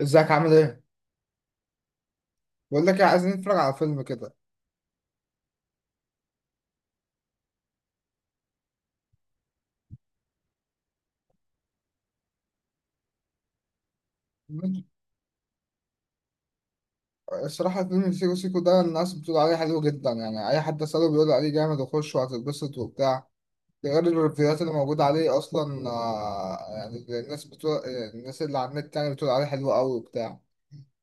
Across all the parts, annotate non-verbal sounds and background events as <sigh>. ازيك عامل ايه؟ بقول لك ايه، عايزين نتفرج على فيلم كده. الصراحة فيلم سيكو سيكو ده الناس بتقول عليه حلو جدا، يعني أي حد أسأله بيقول عليه جامد وخش وهتتبسط وبتاع. ده غير الريفيوهات اللي موجودة عليه أصلا. يعني الناس بتقول. الناس اللي على النت يعني بتقول عليه حلو أوي وبتاع.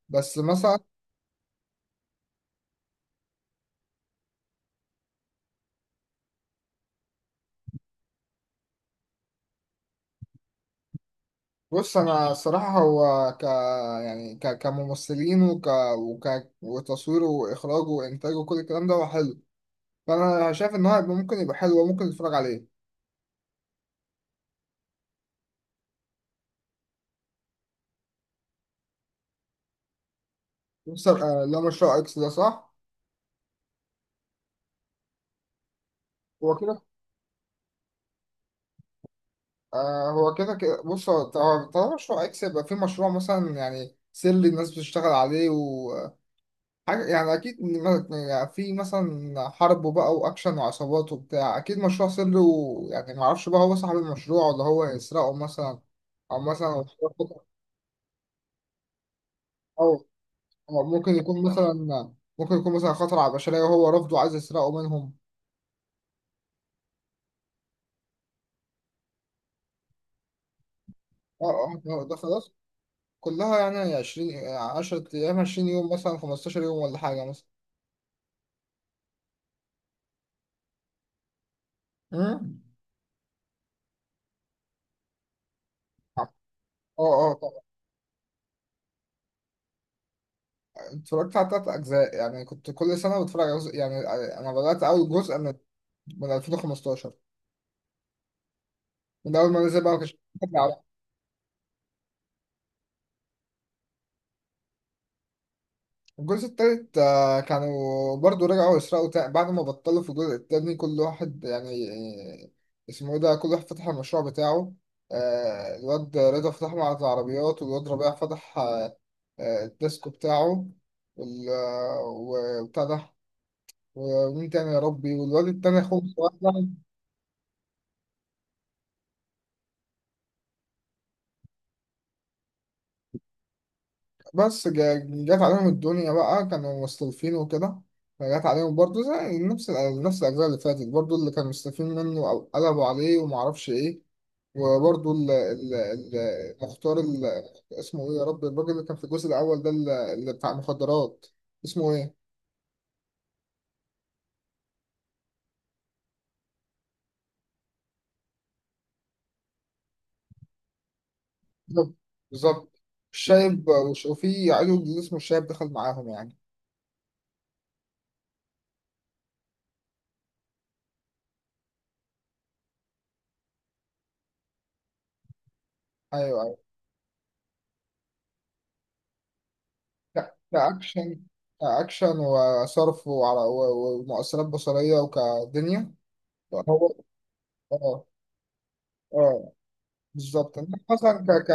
بس مثلا. بص أنا الصراحة هو يعني ك... كممثلين وك... وك... وتصويره وإخراجه وإنتاجه وكل الكلام ده هو حلو. فأنا شايف إن هو هيبقى، ممكن يبقى حلو وممكن نتفرج عليه. بص، لا، مشروع اكس ده صح. هو كده آه هو كده كده بص هو طالما مشروع اكس، يبقى في مشروع مثلا يعني سري الناس بتشتغل عليه وحاجة. يعني اكيد يعني في مثلا حرب وبقى واكشن وعصابات وبتاع، اكيد مشروع سري. ويعني ما اعرفش بقى هو صاحب المشروع ولا هو هيسرقه مثلا، او مثلا هو خطر- او أو ممكن يكون مثلا، ممكن يكون مثلا خطر على البشرية وهو رافضه عايز يسرقه منهم. اه ده خلاص، كلها يعني 20 10 أيام، 20 يوم، مثلا 15 يوم ولا حاجة مثلا. مم. اه، اه طبعا. اتفرجت على 3 أجزاء، يعني كنت كل سنة بتفرج على جزء يعني. أنا بدأت أول جزء من 2015، من أول ما نزل بقى. مكانش الجزء التالت، آه، كانوا برضو رجعوا يسرقوا تاني بعد ما بطلوا في الجزء التاني كل واحد يعني. آه، اسمه ايه ده، كل واحد فتح المشروع بتاعه. آه، الواد رضا فتح معرض عربيات، والواد ربيع فتح، آه، آه، الديسكو بتاعه. وال- آه، وبتاع ده، ومين تاني يا ربي، والواد التاني اخوه صغير. بس جات عليهم الدنيا بقى، كانوا مستلفين وكده. فجات عليهم برضه زي نفس الأجزاء اللي فاتت برضه، اللي كانوا مستلفين منه أو قلبوا عليه ومعرفش إيه. وبرضه المختار، اسمه ايه يا رب، الراجل اللي كان في الجزء الاول ده، اللي بتاع المخدرات، اسمه ايه؟ بالظبط. بالظبط. الشايب، وفي عيل اللي اسمه الشايب دخل معاهم يعني. ايوه، ايوه. كأكشن، كأكشن وصرف و ومؤثرات بصرية وكدنيا. هو اه، اه بالظبط. انما مثلا ك ك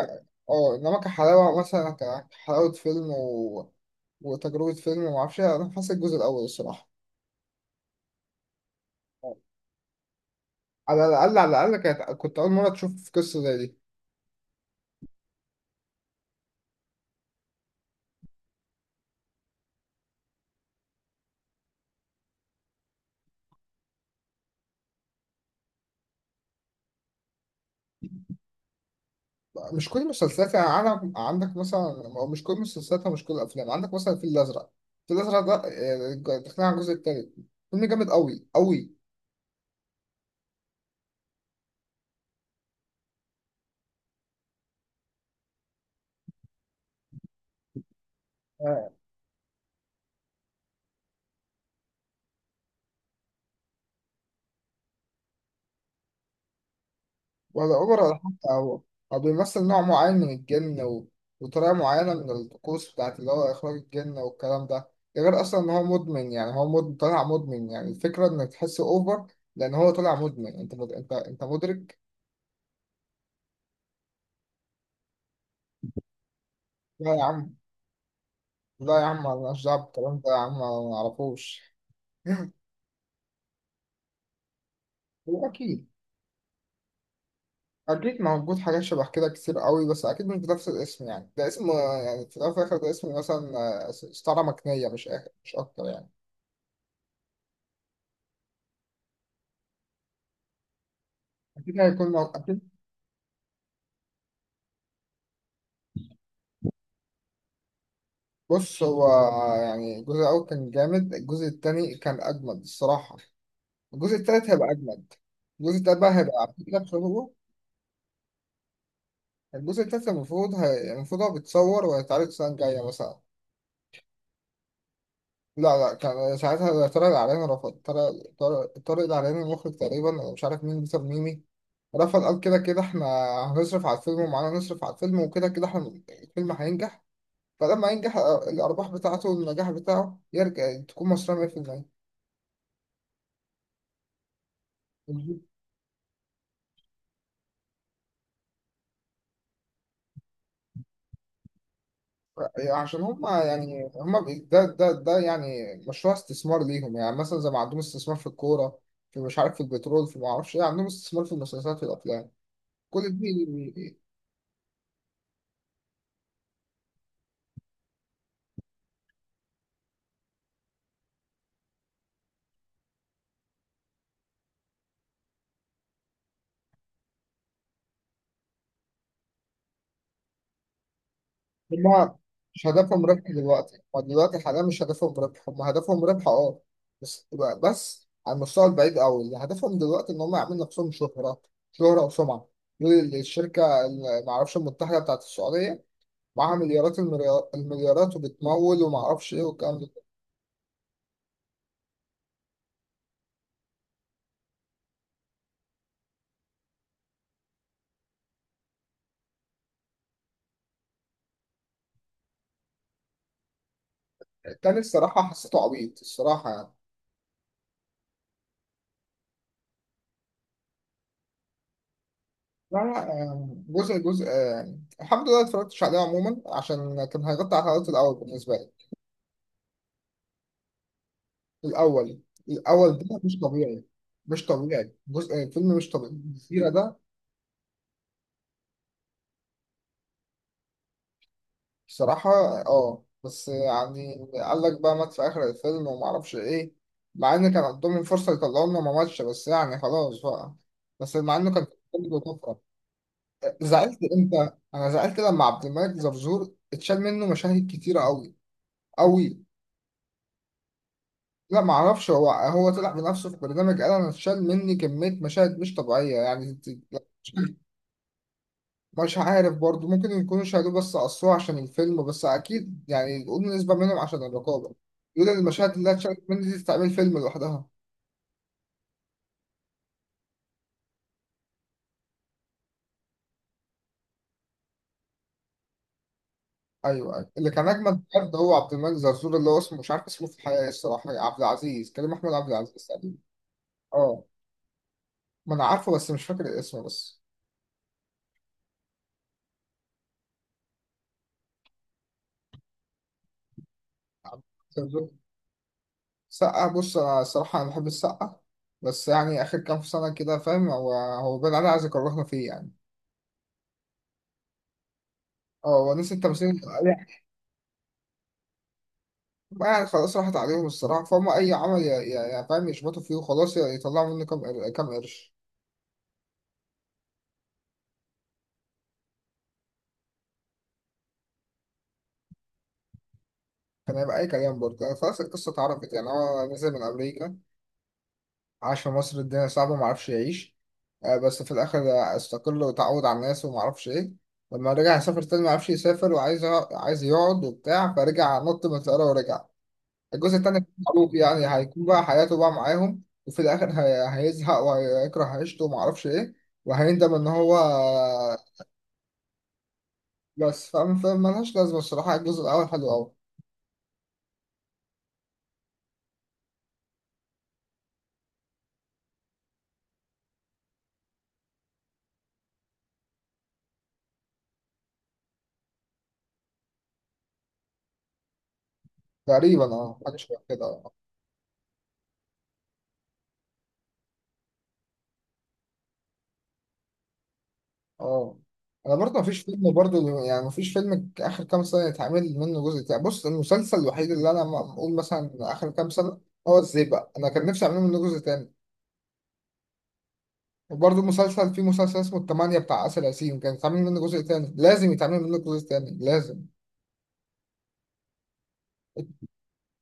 اه انما كحلاوة مثلا، كحلاوة فيلم و... وتجربة فيلم ومعرفش إيه، انا حاسس الجزء الاول الصراحة على الأقل، على الأقل كانت كنت أول مرة تشوف قصة زي دي. مش كل المسلسلات يعني، عندك مثلا، أو مش كل المسلسلات ومش كل الأفلام. عندك مثلا الفيل الأزرق، الفيل الأزرق ده، آه، دخلنا على الجزء التالت، فيلم جامد أوي أوي. آه، ولا أوبر ولا حتى هو، هو بيمثل نوع معين من الجن و... وطريقة معينة من الطقوس بتاعت اللي هو إخراج الجن والكلام ده. ده غير أصلا إن هو مدمن، يعني هو طالع مدمن، يعني الفكرة إنك تحس أوفر. لأن هو طالع مدمن، أنت مد... أنت أنت مدرك. لا يا عم، لا يا عم، أنا مالناش دعوة بالكلام ده يا عم، أنا ما أعرفوش. <laughs> أكيد، أكيد موجود حاجات شبه كده كتير قوي، بس أكيد مش بنفس الاسم يعني، ده اسم، آه، يعني في الأول وفي الآخر ده اسم مثلا، آه، استعارة مكنية مش آخر، مش أكتر يعني. أكيد هيكون أكيد. بص هو، يعني الجزء الأول كان جامد، الجزء التاني كان أجمد الصراحة، الجزء التالت هيبقى أجمد. الجزء التالت بقى هيبقى على فكرة بسببه. الجزء التالت المفروض المفروض هو بيتصور وهيتعرض السنة الجاية مثلا. لا لا، كان ساعتها طارق العراني رفض. طارق العراني المخرج تقريبا، أنا مش عارف مين بيتر ميمي. رفض، قال كده كده احنا هنصرف على الفيلم، ومعانا نصرف على الفيلم، وكده كده احنا الفيلم هينجح. فلما ينجح، آه، الأرباح بتاعته والنجاح بتاعه يرجع تكون مصرية. 100%. عشان هم يعني هم ده ده ده يعني مشروع استثمار ليهم، يعني مثلا زي ما عندهم استثمار في الكورة، في مش عارف، في البترول، في ما اعرفش ايه، عندهم استثمار في المسلسلات في الأفلام كل دي. هما مش هدفهم ربح دلوقتي، هما دلوقتي حاليا مش هدفهم ربح، هما هدفهم ربح اه، بس، بس على المستوى البعيد قوي. اللي هدفهم دلوقتي ان هم يعملوا نفسهم شهرة، شهرة وسمعة. دول الشركة اللي معرفش المتحدة بتاعت السعودية، معاها مليارات، المليارات، وبتمول ومعرفش ايه والكلام ده. التاني الصراحة حسيته عبيط الصراحة يعني. لا لا، يعني جزء جزء يعني الحمد لله اتفرجتش عليه عموما، عشان كان هيغطي على الحلقات الأول بالنسبة لي. الأول، الأول ده مش طبيعي، مش طبيعي. جزء الفيلم مش طبيعي الجزيرة ده. بصراحة اه، بس يعني قال لك بقى مات في آخر الفيلم وما أعرفش إيه، مع إن كان عندهم فرصة يطلعوا لنا ما ماتش، بس يعني خلاص بقى. بس مع إنه كان فيلم طفرة. زعلت إمتى؟ أنا زعلت لما عبد الملك زرزور اتشال منه مشاهد كتيرة أوي أوي. لا ما اعرفش، هو طلع بنفسه في برنامج قال انا اتشال مني كمية مشاهد مش طبيعية يعني. مش عارف برضو، ممكن يكونوا شالوه بس قصوه عشان الفيلم، بس أكيد يعني يقولوا نسبة منهم عشان الرقابة. يقولوا إن المشاهد اللي اتشالت مني دي تعمل فيلم لوحدها. أيوه أيوه، اللي كان أجمد بجد هو عبد الملك زرزور، اللي هو اسمه مش عارف اسمه في الحقيقة إيه الصراحة، عبد العزيز، كريم، أحمد عبد العزيز تقريبا. أه، ما أنا عارفه بس مش فاكر اسمه بس. عبد الملك زرزور. سقا، بص أنا الصراحة أنا بحب السقا، بس يعني آخر كام سنة كده فاهم، هو بين عليه عايز يكرهنا فيه يعني. اه، هو نسي التمثيل. بقى خلاص راحت عليهم الصراحة، فهم أي عمل يا يا يا فاهم يشبطوا فيه وخلاص، يطلعوا منه كام كام قرش. كان هيبقى أي كلام برضه يعني، خلاص القصة اتعرفت يعني. هو نزل من أمريكا، عاش في مصر الدنيا صعبة معرفش يعيش، آه، بس في الآخر استقل وتعود على الناس ومعرفش إيه. لما رجع يسافر تاني معرفش يسافر وعايز عايز يقعد وبتاع، فرجع نط من الطيارة ورجع. الجزء التاني معروف يعني، هيكون بقى حياته بقى معاهم، وفي الآخر هيزهق وهيكره عيشته ومعرفش إيه، وهيندم إن هو. بس فاهم، فاهم ملهاش لازمة الصراحة، الجزء الأول حلو أوي. تقريبا اه، حاجة شبه كده اه. آه. أنا برضه مفيش فيلم، برضه يعني مفيش فيلم آخر كام سنة يتعمل منه جزء تاني. بص المسلسل الوحيد اللي أنا بقول مثلا آخر كام سنة هو الزيبق، أنا كان نفسي أعمل منه جزء تاني. وبرضه مسلسل، في مسلسل اسمه التمانية بتاع آسر ياسين، كان يتعمل منه جزء تاني، لازم يتعمل منه جزء تاني لازم.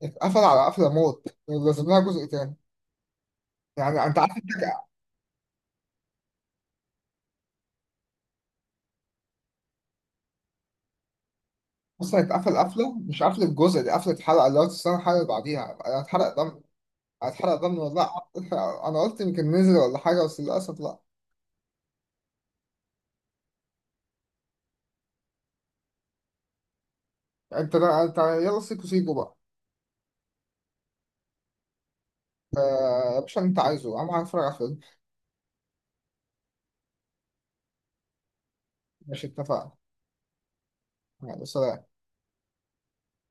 اتقفل على قفلة موت، لازم لها جزء تاني، يعني أنت عارف. اصلا اتقفل قفله، مش قفله الجزء دي، قفله الحلقه اللي هو تستنى الحلقه اللي بعديها، انا اتحرق دم. اتحرق دم والله. <laughs> انا قلت يمكن نزل ولا حاجه، بس للاسف لا. انت ده، انت يلا سيكو سيكو بقى. آه، يا باشا، اللي انت عايزه، انا هتفرج على الفيلم. ماشي اتفقنا. يلا سلام.